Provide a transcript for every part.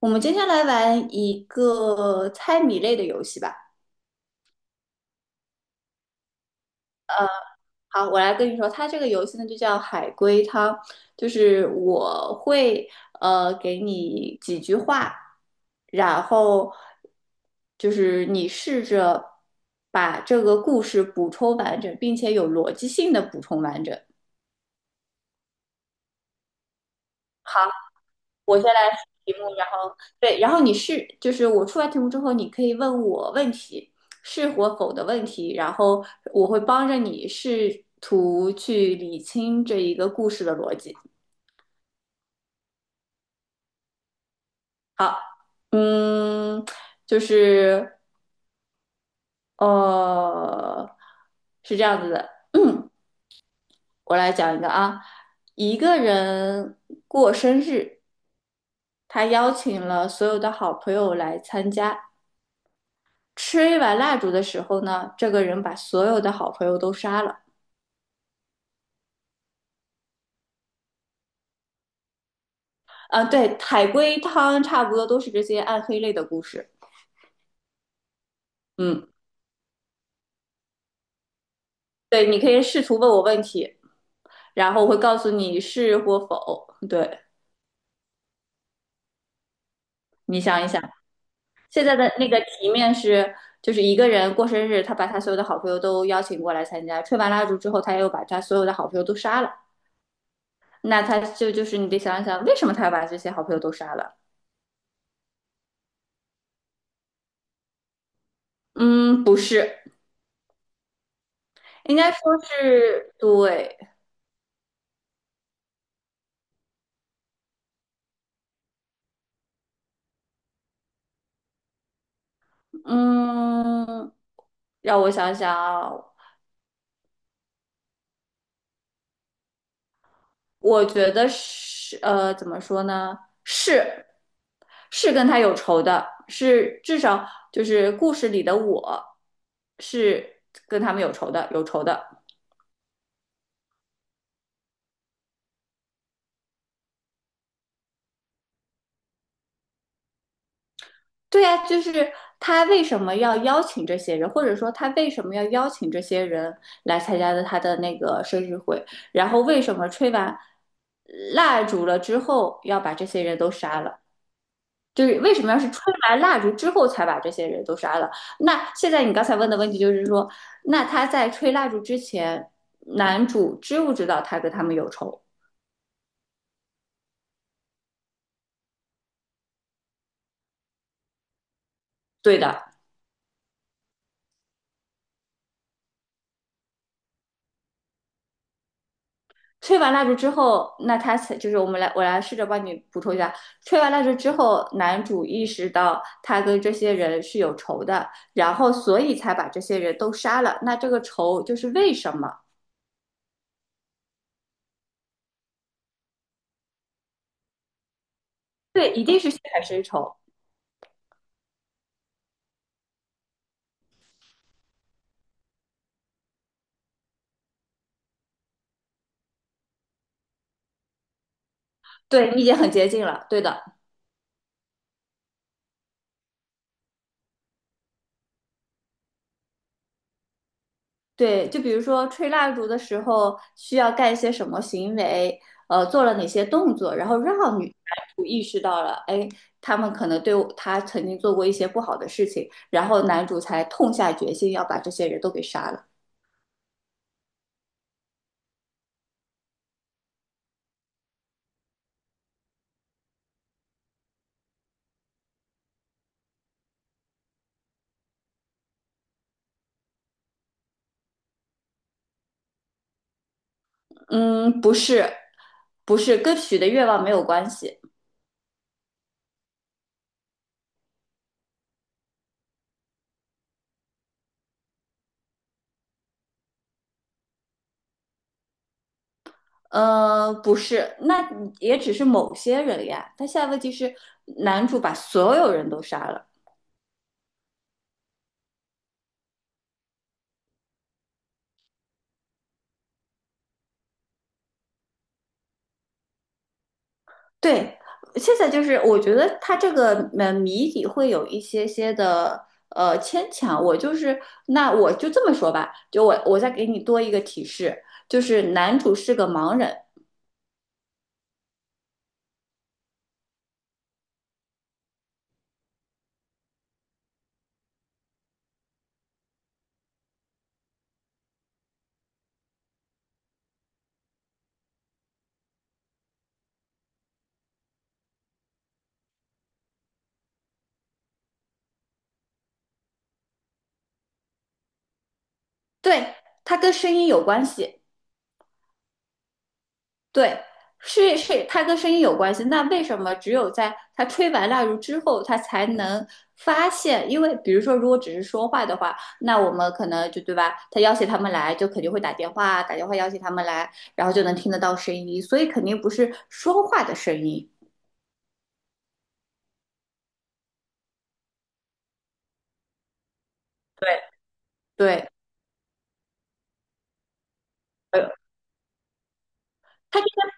我们今天来玩一个猜谜类的游戏吧。好，我来跟你说，它这个游戏呢就叫海龟汤，就是我会给你几句话，然后就是你试着把这个故事补充完整，并且有逻辑性的补充完整。好。我先来出题目，然后对，然后就是我出完题目之后，你可以问我问题，是或否的问题，然后我会帮着你试图去理清这一个故事的逻辑。好，嗯，就是呃，是这样子的，我来讲一个啊，一个人过生日，他邀请了所有的好朋友来参加。吹完蜡烛的时候呢，这个人把所有的好朋友都杀了。啊，对，海龟汤差不多都是这些暗黑类的故事。嗯，对，你可以试图问我问题，然后我会告诉你是或否。对，你想一想，现在的那个题面是，就是一个人过生日，他把他所有的好朋友都邀请过来参加，吹完蜡烛之后，他又把他所有的好朋友都杀了。那他就是你得想一想，为什么他要把这些好朋友都杀了？嗯，不是，应该说是对，嗯，让我想想啊，我觉得是，怎么说呢？是，是跟他有仇的，是至少就是故事里的我是跟他们有仇的，有仇的。对呀，就是他为什么要邀请这些人，或者说他为什么要邀请这些人来参加的他的那个生日会，然后为什么吹完蜡烛了之后要把这些人都杀了？就是为什么要是吹完蜡烛之后才把这些人都杀了？那现在你刚才问的问题就是说，那他在吹蜡烛之前，男主知不知道他跟他们有仇？对的，吹完蜡烛之后，那他才就是我们来，我来试着帮你补充一下，吹完蜡烛之后，男主意识到他跟这些人是有仇的，然后所以才把这些人都杀了。那这个仇就是为什么？对，一定是血海深仇。对你已经很接近了，对的。对，就比如说吹蜡烛的时候需要干一些什么行为，做了哪些动作，然后让女男主意识到了，哎，他们可能对我他曾经做过一些不好的事情，然后男主才痛下决心要把这些人都给杀了。嗯，不是，不是，跟许的愿望没有关系。不是，那也只是某些人呀。但现在问题是，男主把所有人都杀了。对，现在就是我觉得他这个谜底会有一些些的牵强。我就是那我就这么说吧，就我再给你多一个提示，就是男主是个盲人，对，他跟声音有关系。对，是是，它跟声音有关系。那为什么只有在他吹完蜡烛之后，他才能发现？因为比如说，如果只是说话的话，那我们可能就对吧？他邀请他们来，就肯定会打电话，打电话邀请他们来，然后就能听得到声音，所以肯定不是说话的声音。对，对，呃，他这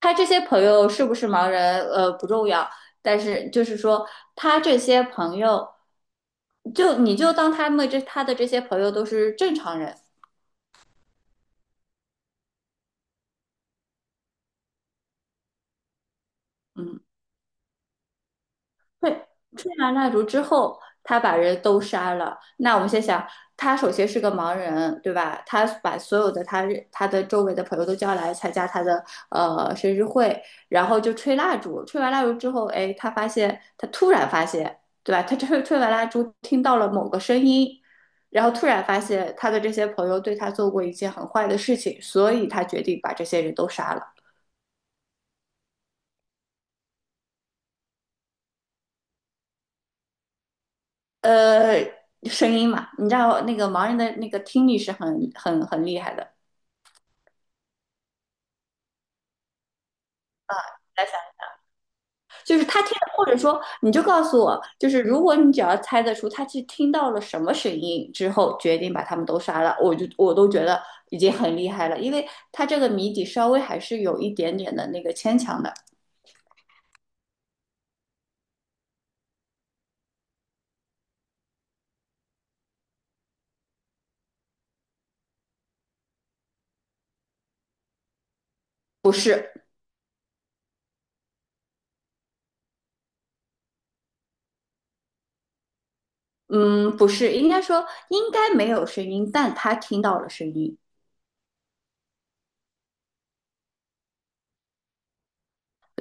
他这些朋友是不是盲人？不重要，但是就是说，他这些朋友，就你就当他们这他的这些朋友都是正常人。嗯，对，吹完蜡烛之后，他把人都杀了。那我们先想，他首先是个盲人，对吧？他把所有的他的周围的朋友都叫来参加他的生日会，然后就吹蜡烛。吹完蜡烛之后，哎，他发现他突然发现，对吧？他吹完蜡烛，听到了某个声音，然后突然发现他的这些朋友对他做过一件很坏的事情，所以他决定把这些人都杀了。呃，声音嘛，你知道那个盲人的那个听力是很很很厉害的。来想，就是他听，或者说你就告诉我，就是如果你只要猜得出他去听到了什么声音之后，决定把他们都杀了，我都觉得已经很厉害了，因为他这个谜底稍微还是有一点点的那个牵强的，不是，嗯，不是，应该说应该没有声音，但他听到了声音，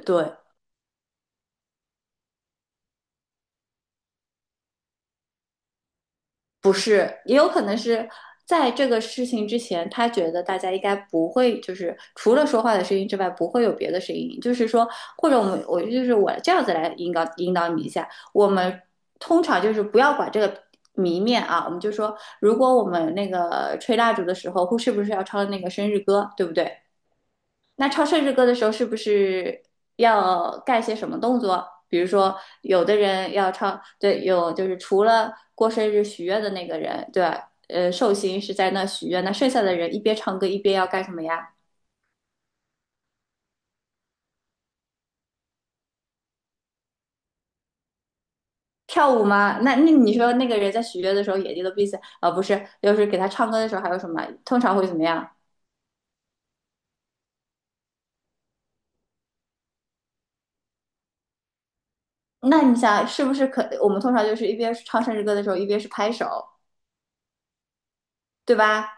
对。不是，也有可能是在这个事情之前，他觉得大家应该不会，就是除了说话的声音之外，不会有别的声音。就是说，或者我们，我就是我这样子来引导引导你一下。我们通常就是不要管这个谜面啊，我们就说，如果我们那个吹蜡烛的时候，会是不是要唱那个生日歌，对不对？那唱生日歌的时候，是不是要干些什么动作？比如说，有的人要唱，对，有就是除了过生日许愿的那个人，对，寿星是在那许愿，那剩下的人一边唱歌一边要干什么呀？跳舞吗？那你说那个人在许愿的时候眼睛都闭起来，啊、不是，就是给他唱歌的时候还有什么？通常会怎么样？那你想是不是可？我们通常就是一边唱生日歌的时候，一边是拍手，对吧？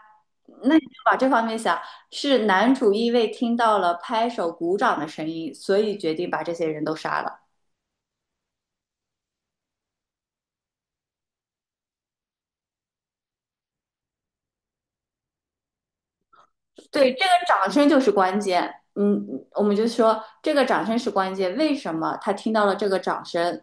那你就往这方面想，是男主因为听到了拍手鼓掌的声音，所以决定把这些人都杀了。对，这个掌声就是关键。嗯，我们就说这个掌声是关键。为什么他听到了这个掌声？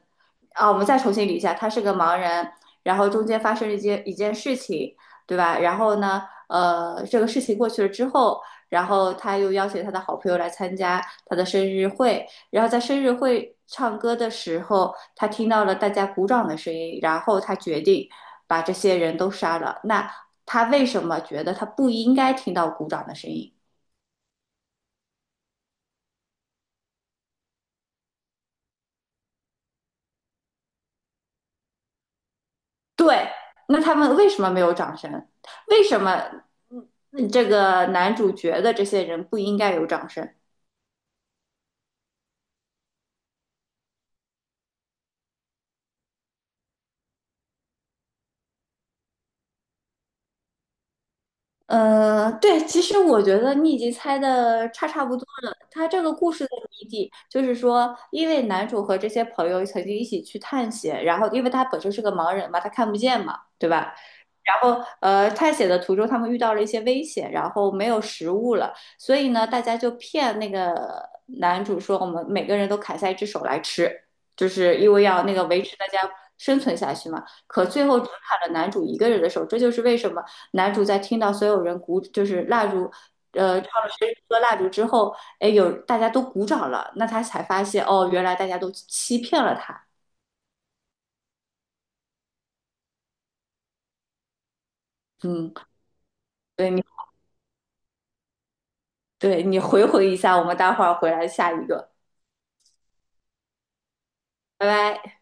啊，我们再重新捋一下，他是个盲人，然后中间发生了一件一件事情，对吧？然后呢，这个事情过去了之后，然后他又邀请他的好朋友来参加他的生日会，然后在生日会唱歌的时候，他听到了大家鼓掌的声音，然后他决定把这些人都杀了。那他为什么觉得他不应该听到鼓掌的声音？对，那他们为什么没有掌声？为什么这个男主角的这些人不应该有掌声？对，其实我觉得你已经猜的差不多了。他这个故事的谜底就是说，因为男主和这些朋友曾经一起去探险，然后因为他本身是个盲人嘛，他看不见嘛，对吧？然后探险的途中他们遇到了一些危险，然后没有食物了，所以呢，大家就骗那个男主说，我们每个人都砍下一只手来吃，就是因为要那个维持大家生存下去嘛。可最后只砍了男主一个人的手，这就是为什么。男主在听到所有人鼓，就是蜡烛，唱了10颗蜡烛之后，哎，有大家都鼓掌了，那他才发现，哦，原来大家都欺骗了他。嗯，对你，回回一下，我们待会儿回来下一个，拜拜。